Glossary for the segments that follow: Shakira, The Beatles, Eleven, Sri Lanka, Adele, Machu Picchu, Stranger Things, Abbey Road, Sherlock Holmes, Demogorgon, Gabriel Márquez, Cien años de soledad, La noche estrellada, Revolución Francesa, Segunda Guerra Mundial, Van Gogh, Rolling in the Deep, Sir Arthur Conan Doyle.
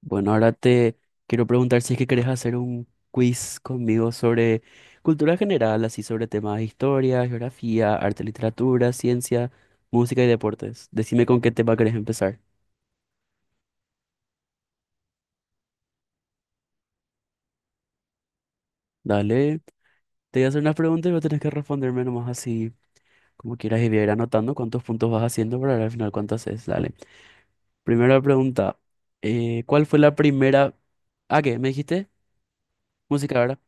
Bueno, ahora te quiero preguntar si es que querés hacer un quiz conmigo sobre cultura general, así sobre temas de historia, geografía, arte, literatura, ciencia, música y deportes. Decime con qué tema querés empezar. Dale, te voy a hacer unas preguntas y vos tenés que responderme nomás así como quieras y voy a ir anotando cuántos puntos vas haciendo para ver al final cuánto haces. Dale. Primera pregunta, ¿cuál fue la primera... Ah, ¿qué? ¿Me dijiste? Música, ¿verdad?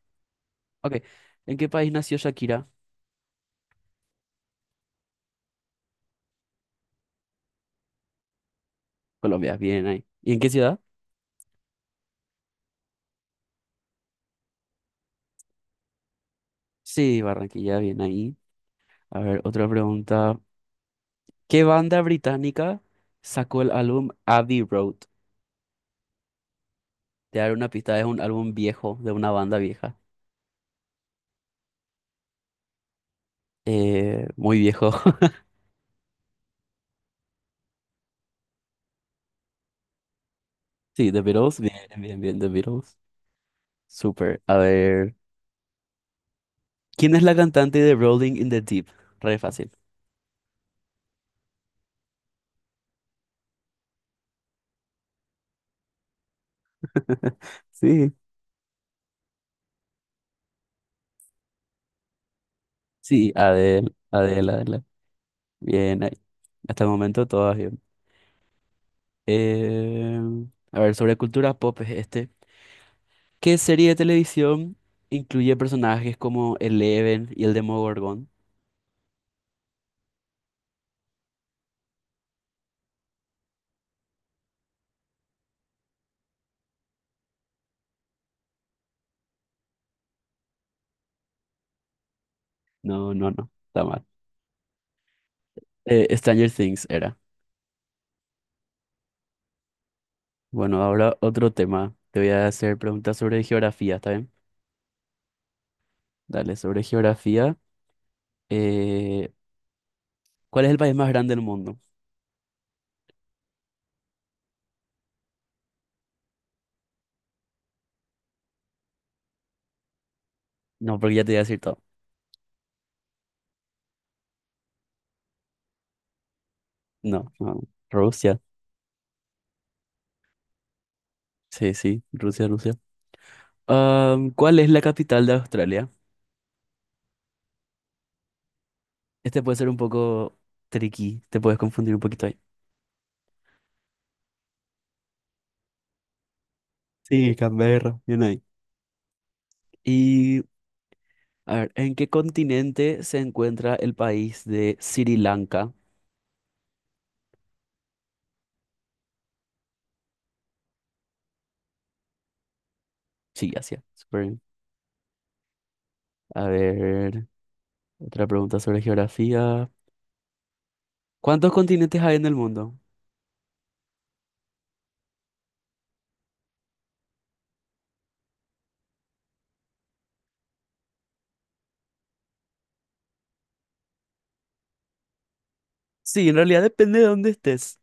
Ok. ¿En qué país nació Shakira? Colombia, bien ahí. ¿Y en qué ciudad? Sí, Barranquilla, bien ahí. A ver, otra pregunta. ¿Qué banda británica sacó el álbum Abbey Road? Te daré una pista, es un álbum viejo, de una banda vieja. Muy viejo. Sí, The Beatles. Bien, bien, bien, The Beatles. Súper. A ver, ¿quién es la cantante de Rolling in the Deep? Re fácil. Sí. Sí, Adele, Adele, Adele. Bien, ahí. Hasta el momento todas bien. Eh, a ver, sobre cultura pop es este. ¿Qué serie de televisión incluye personajes como Eleven y el Demogorgon? No, no, no, está mal. Stranger Things era. Bueno, ahora otro tema. Te voy a hacer preguntas sobre geografía, ¿está bien? Dale, sobre geografía. eh, ¿Cuál es el país más grande del mundo? No, porque ya te voy a decir todo. No, no. Rusia. Sí, sí, Rusia, Rusia. ¿Cuál es la capital de Australia? Este puede ser un poco tricky, te puedes confundir un poquito ahí. Sí, Canberra, bien ahí. Y a ver, ¿en qué continente se encuentra el país de Sri Lanka? Sí, Asia. Súper bien. A ver, otra pregunta sobre geografía. ¿Cuántos continentes hay en el mundo? Sí, en realidad depende de dónde estés.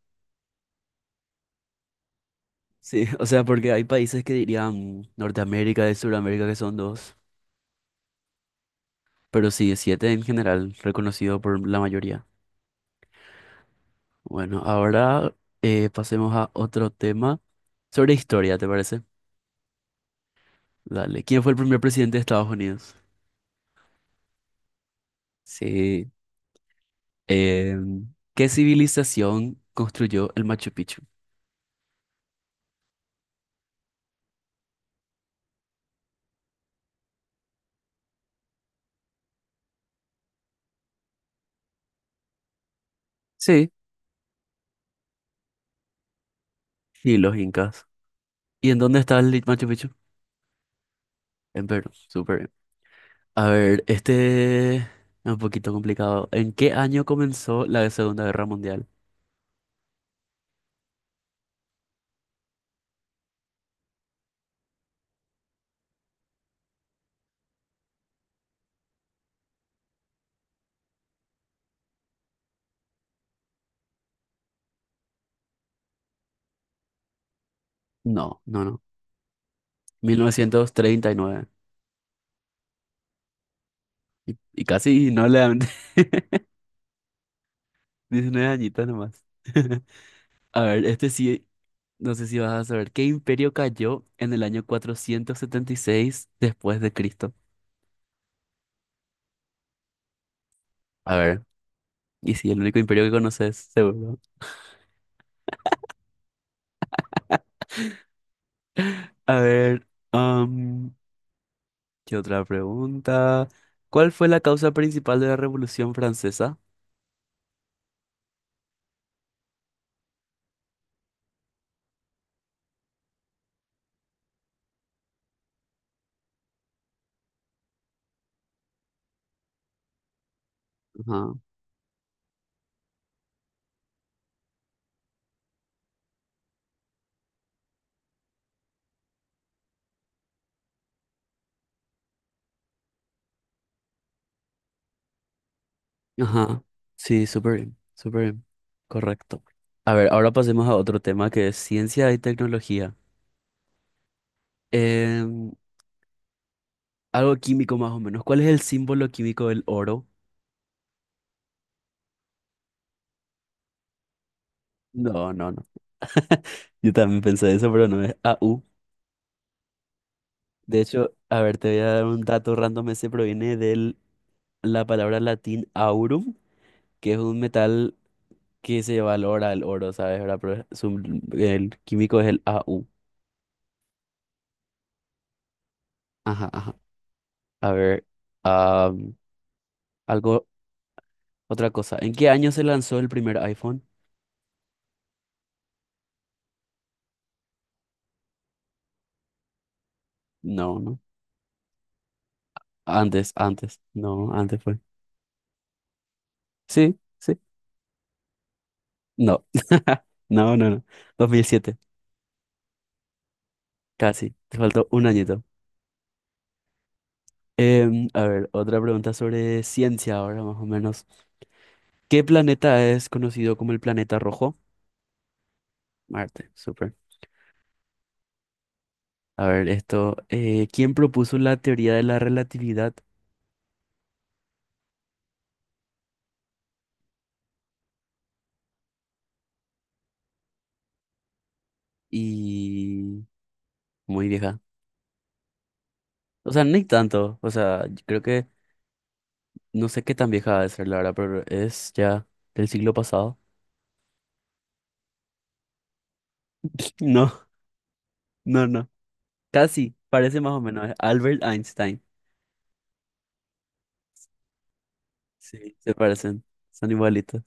Sí, o sea, porque hay países que dirían Norteamérica y Sudamérica que son dos, pero sí, siete en general, reconocido por la mayoría. Bueno, ahora pasemos a otro tema sobre historia, ¿te parece? Dale, ¿quién fue el primer presidente de Estados Unidos? Sí. Eh, ¿Qué civilización construyó el Machu Picchu? Sí, sí, los incas. ¿Y en dónde está el Machu Picchu? En Perú. Súper bien. A ver, este es un poquito complicado. ¿En qué año comenzó la Segunda Guerra Mundial? No, no, no. 1939. Y casi no le dan. 19 añitos nomás. A ver, este sí, no sé si vas a saber. ¿Qué imperio cayó en el año 476 después de Cristo? A ver. Y sí, el único imperio que conoces, seguro. A ver, ¿qué otra pregunta? ¿Cuál fue la causa principal de la Revolución Francesa? Ajá, ajá. Sí, súper bien, súper bien. Correcto. A ver, ahora pasemos a otro tema que es ciencia y tecnología. Em, Algo químico más o menos. ¿Cuál es el símbolo químico del oro? No, no, no. Yo también pensé eso, pero no, es AU. De hecho, a ver, te voy a dar un dato random. Ese proviene de la palabra latín aurum, que es un metal que se valora al oro, ¿sabes? ¿Verdad? Pero su- el químico es el AU. Ajá, ajá. A ver, ah, algo, otra cosa. ¿En qué año se lanzó el primer iPhone? No, no. Antes, antes. No, antes fue. Sí, sí. No. No, no, no. 2007. Casi. Te faltó un añito. A ver, otra pregunta sobre ciencia ahora, más o menos. ¿Qué planeta es conocido como el planeta rojo? Marte, súper. A ver, esto, ¿quién propuso la teoría de la relatividad? Y muy vieja. O sea, ni tanto. O sea, yo creo que no sé qué tan vieja va a ser la verdad, pero es ya del siglo pasado. No, no, no. Casi, parece más o menos. Es Albert Einstein. Sí, se parecen. Son igualitos.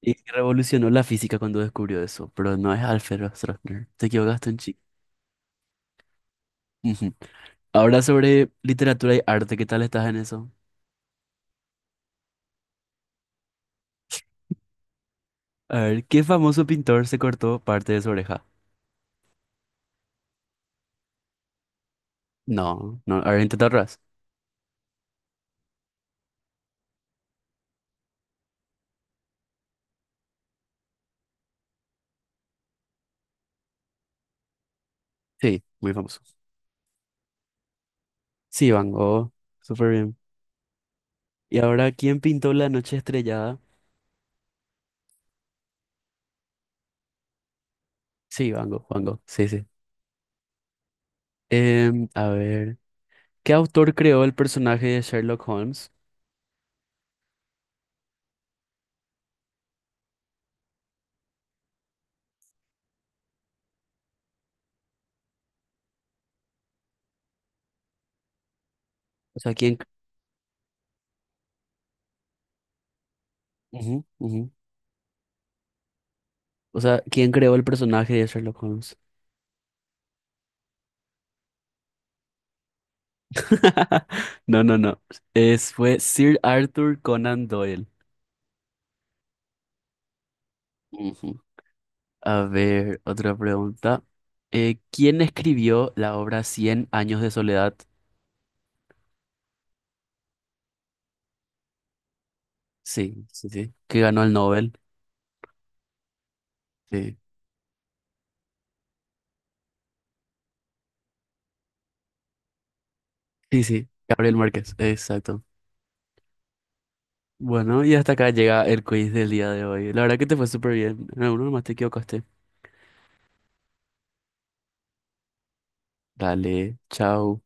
Y que revolucionó la física cuando descubrió eso, pero no es Alfred Stroessner. Te equivocaste un chico. Ujú. Ahora sobre literatura y arte, ¿qué tal estás en eso? A ver, ¿qué famoso pintor se cortó parte de su oreja? No, no, a ver, intenta atrás. Sí, muy famoso. Sí, Van Gogh, súper bien. Y ahora, ¿quién pintó La noche estrellada? Sí, Van Gogh, Van Gogh, sí, sí. A ver, ¿qué autor creó el personaje de Sherlock Holmes? O sea, ¿quién? Ujú, ujú. O sea, ¿quién creó el personaje de Sherlock Holmes? No, no, no. Fue Sir Arthur Conan Doyle. Ujú. A ver, otra pregunta. ¿Quién escribió la obra Cien años de soledad? Sí, sí, sí. Que ganó el Nobel. Sí, sí, sí. Gabriel Márquez, exacto. Bueno, y hasta acá llega el quiz del día de hoy. La verdad que te fue súper bien. En alguno nomás te equivocaste. Dale, chao.